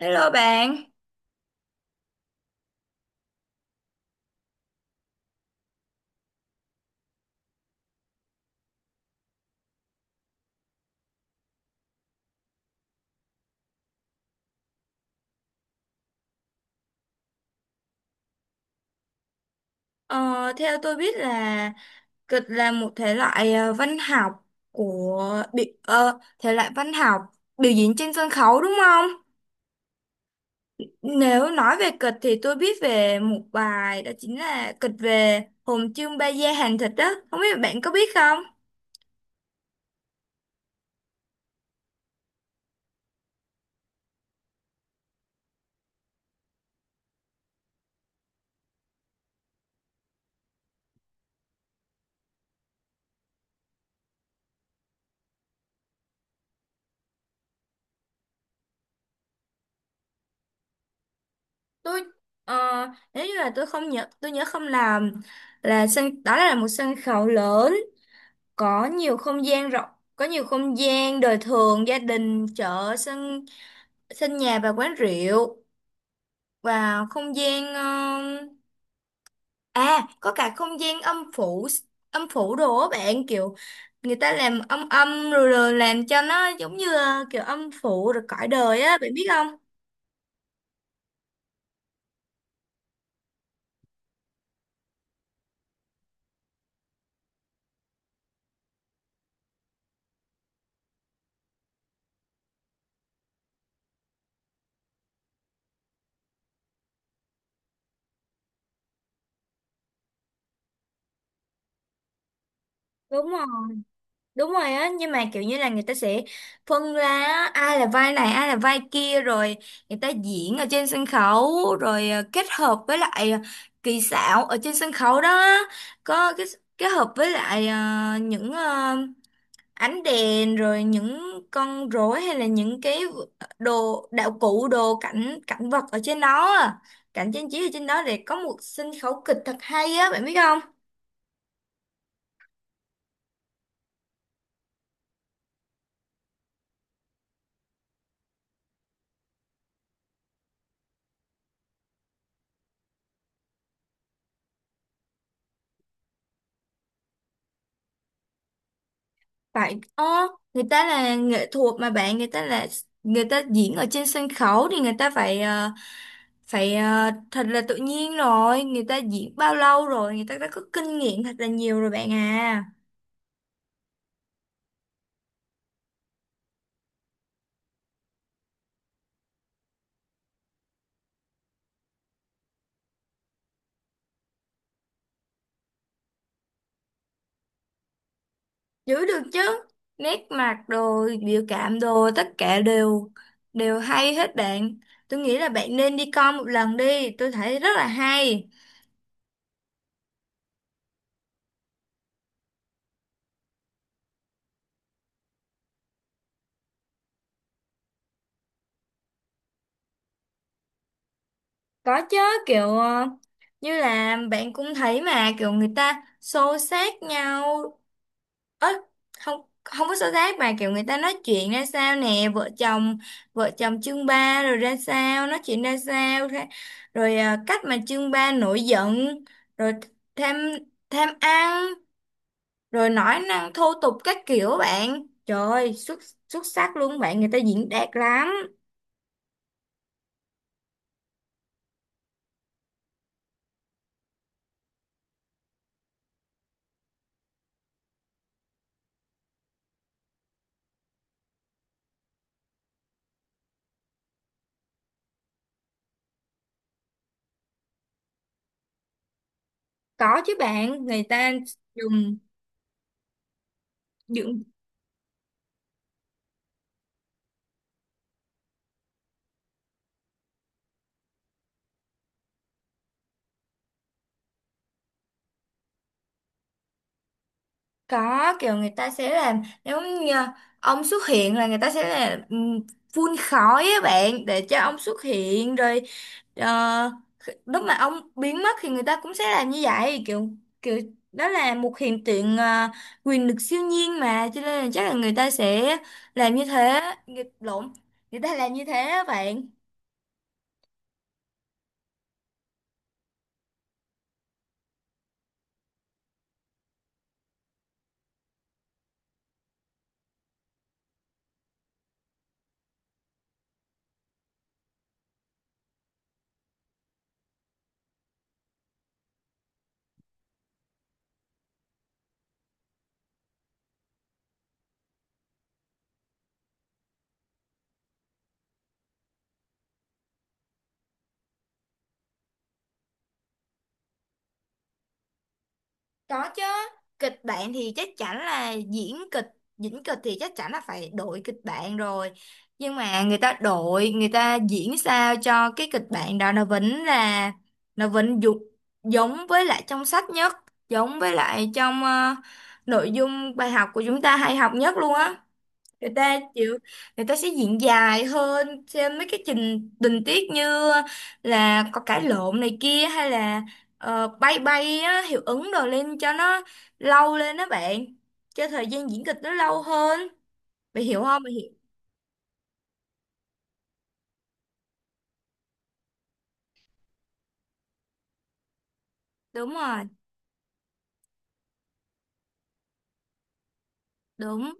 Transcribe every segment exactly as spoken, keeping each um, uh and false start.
Hello bạn, ờ, theo tôi biết là kịch là một thể loại ờ, văn học của bi, ờ, thể loại văn học biểu diễn trên sân khấu đúng không? Nếu nói về kịch thì tôi biết về một bài đó chính là kịch về Hồn Trương Ba Gia Hàng Thịt đó, không biết bạn có biết không? Tôi ờ, nếu như là tôi không nhớ tôi nhớ không làm, là sân đó là một sân khấu lớn, có nhiều không gian rộng, có nhiều không gian đời thường, gia đình, chợ, sân sân nhà và quán rượu, và không gian uh, à có cả không gian âm phủ. Âm phủ đồ á bạn, kiểu người ta làm âm âm rồi, rồi làm cho nó giống như là kiểu âm phủ rồi cõi đời á, bạn biết không? Đúng rồi. Đúng rồi á, nhưng mà kiểu như là người ta sẽ phân ra á, ai là vai này ai là vai kia, rồi người ta diễn ở trên sân khấu, rồi ờ, kết hợp với lại ờ, kỹ xảo ở trên sân khấu đó. Có cái kết hợp với lại ờ, những ờ, ánh đèn, rồi những con rối, hay là những cái đồ đạo cụ, đồ cảnh, cảnh vật ở trên đó á, cảnh trang trí ở trên đó để có một sân khấu kịch thật hay á, bạn biết không? Phải, ơ, người ta là nghệ thuật mà bạn, người ta là người ta diễn ở trên sân khấu thì người ta phải ờ, phải ờ, thật là tự nhiên rồi, người ta diễn bao lâu rồi, người ta đã có kinh nghiệm thật là nhiều rồi bạn à. Giữ được chứ. Nét mặt rồi, biểu cảm đồ tất cả đều đều hay hết bạn. Tôi nghĩ là bạn nên đi coi một lần đi, tôi thấy rất là hay. Có chứ, kiểu ờ, như là bạn cũng thấy mà kiểu người ta xô xát nhau. Ớ, không, không có xô xát mà kiểu người ta nói chuyện ra sao nè, vợ chồng vợ chồng chương ba rồi ra sao, nói chuyện ra sao ra, rồi à, cách mà chương ba nổi giận, rồi tham tham ăn, rồi nói năng thô tục các kiểu bạn, trời ơi, xuất xuất sắc luôn bạn, người ta diễn đạt lắm. Có chứ bạn, người ta dùng. Có kiểu người ta sẽ làm, nếu như ông xuất hiện là người ta sẽ là ừm, phun khói á bạn, để cho ông xuất hiện, rồi ờ, khi- lúc mà ông biến mất thì người ta cũng sẽ làm như vậy, kiểu kiểu đó là một hiện tượng ờ, quyền lực siêu nhiên, mà cho nên là chắc là người ta sẽ làm như thế, nghịch lộn, người ta làm như thế á bạn. Có chứ, kịch bản thì chắc chắn là diễn kịch, diễn kịch thì chắc chắn là phải đổi kịch bản rồi. Nhưng mà người ta đổi, người ta diễn sao cho cái kịch bản đó nó vẫn là nó vẫn dục giống với lại trong sách nhất, giống với lại trong ờ, nội dung bài học của chúng ta hay học nhất luôn á. Người ta chịu người ta sẽ diễn dài hơn trên mấy cái trình tình tiết, như là có cãi lộn này kia, hay là ờ, bay bay á, hiệu ứng đồ lên cho nó lâu lên đó bạn, cho thời gian diễn kịch nó lâu hơn, bạn hiểu không, bạn hiểu đúng rồi. Đúng.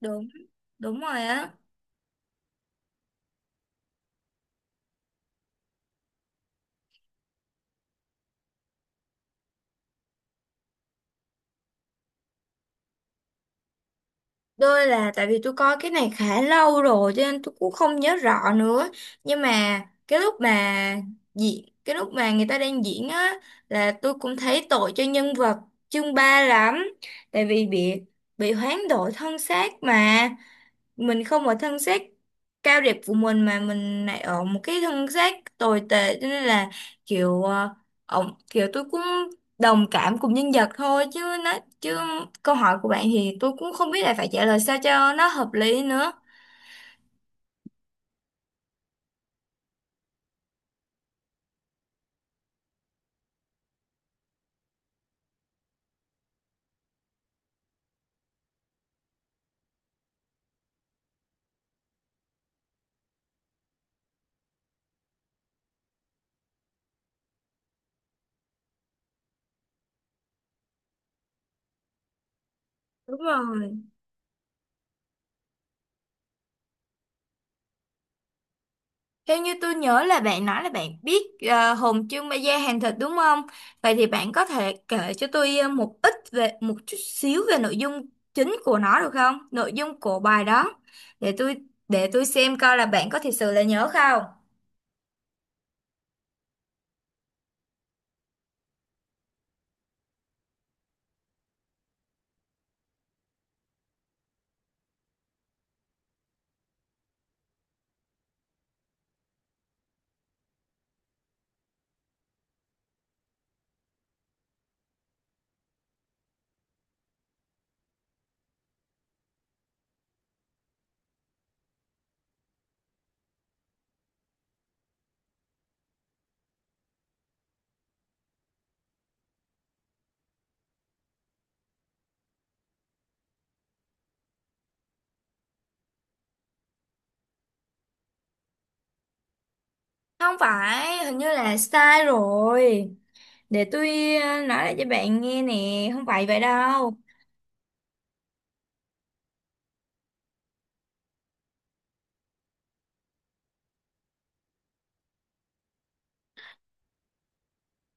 đúng Đúng rồi á. Đôi là tại vì tôi coi cái này khá lâu rồi cho nên tôi cũng không nhớ rõ nữa. Nhưng mà cái lúc mà diễn cái lúc mà người ta đang diễn á là tôi cũng thấy tội cho nhân vật chương ba lắm. Tại vì bị bị hoán đổi thân xác mà, mình không ở thân xác cao đẹp của mình mà mình lại ở một cái thân xác tồi tệ, cho nên là kiểu ờ, ổng kiểu, tôi cũng đồng cảm cùng nhân vật thôi, chứ nó chứ câu hỏi của bạn thì tôi cũng không biết là phải trả lời sao cho nó hợp lý nữa. Đúng rồi. Theo như tôi nhớ là bạn nói là bạn biết ờ, hồn trương ma da hàng thịt đúng không? Vậy thì bạn có thể kể cho tôi ờ, một ít về một chút xíu về nội dung chính của nó được không? Nội dung của bài đó để tôi để tôi xem coi là bạn có thật sự là nhớ không? Không phải, hình như là sai rồi. Để tôi ờ, nói lại cho bạn nghe nè, không phải vậy đâu.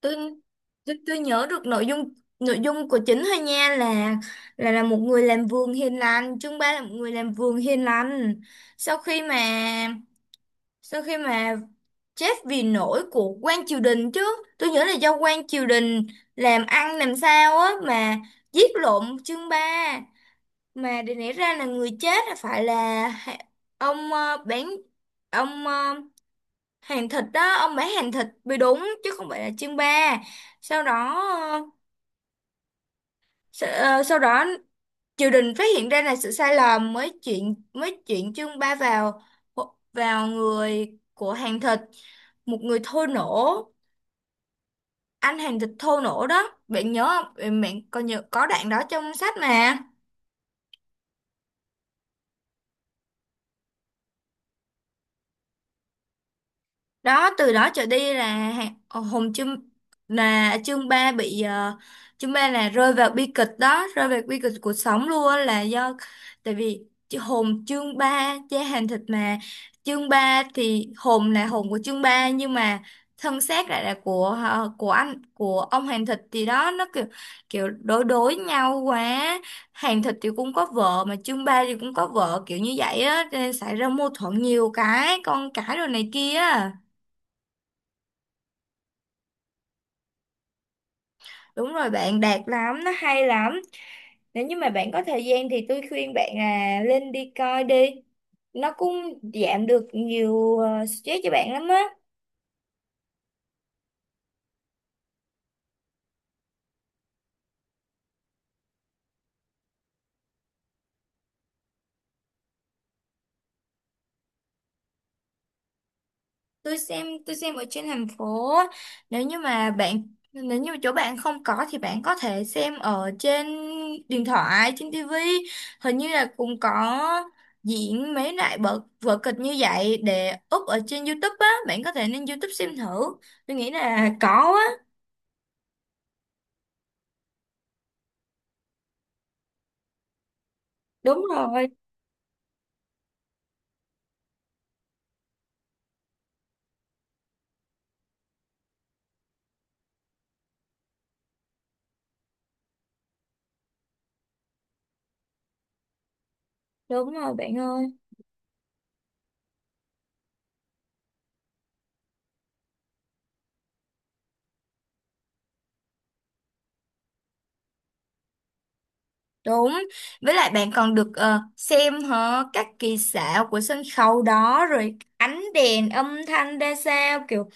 tôi tôi tôi nhớ được nội dung, nội dung của chính thôi nha, là là là một người làm vườn hiền lành, chương ba là một người làm vườn hiền lành, sau khi mà sau khi mà chết vì lỗi của quan triều đình chứ, tôi nhớ là do quan triều đình làm ăn làm sao á mà giết lộn chương ba, mà để nảy ra là người chết là phải là hạ- ông ờ, bán ông ờ, hàng thịt đó, ông bán hàng thịt mới đúng chứ không phải là chương ba. Sau đó ờ, sa- ờ, sau đó triều đình phát hiện ra là sự sai lầm, mới chuyển mới chuyển chương ba vào vào người của hàng thịt, một người thô nổ, anh hàng thịt thô nổ đó, bạn nhớ không, bạn bạn còn nhớ có đoạn đó trong sách mà. Đó từ đó trở đi là Hà- ờ, Hùng Trương là chương ba bị uh, chương ba là rơi vào bi kịch đó, rơi vào bi kịch cuộc sống luôn á, là do, tại vì chứ Hùng chương ba cha hàng thịt mà, chương ba thì Hùng là Hùng của chương ba nhưng mà thân xác lại là của ờ, của anh của ông hàng thịt, thì đó nó kiểu kiểu đối đối nhau quá, hàng thịt thì cũng có vợ mà chương ba thì cũng có vợ, kiểu như vậy á, cho nên xảy ra mâu thuẫn nhiều, cái con cái rồi này kia á. Đúng rồi bạn, đạt lắm, nó hay lắm. Nếu như mà bạn có thời gian thì tôi khuyên bạn là lên đi coi đi. Nó cũng giảm được nhiều ờ, stress cho bạn lắm á. Tôi xem tôi xem ở trên thành phố á. Nếu như mà bạn, nếu như mà chỗ bạn không có thì bạn có thể xem ở trên điện thoại, trên tivi. Hình như là cũng có diễn mấy loại vở vở kịch như vậy để up ở trên YouTube á, bạn có thể lên YouTube xem thử. Tôi nghĩ là có á. Đúng rồi. Đúng rồi bạn ơi, đúng. Với lại bạn còn được ờ, xem hả các kỳ xảo của sân khấu đó, rồi ánh đèn âm thanh ra sao, kiểu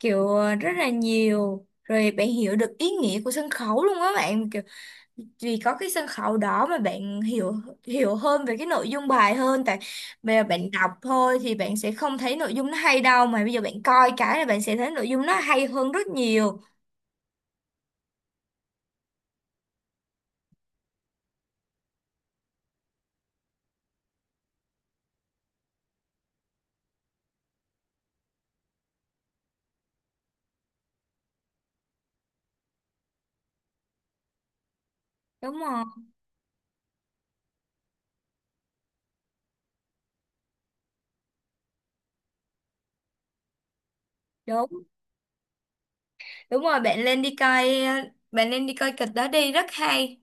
kiểu ờ, rất là nhiều. Rồi bạn hiểu được ý nghĩa của sân khấu luôn á bạn, kiểu vì có cái sân khấu đó mà bạn hiểu hiểu hơn về cái nội dung bài hơn, tại bây giờ bạn đọc thôi thì bạn sẽ không thấy nội dung nó hay đâu, mà bây giờ bạn coi cái là bạn sẽ thấy nội dung nó hay hơn rất nhiều. Đúng rồi. Đúng. Đúng rồi, bạn lên đi coi, bạn lên đi coi kịch đó đi, rất hay.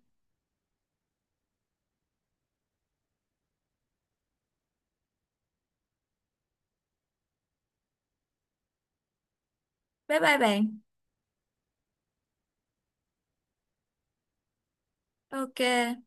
Bye bye bạn. Ok.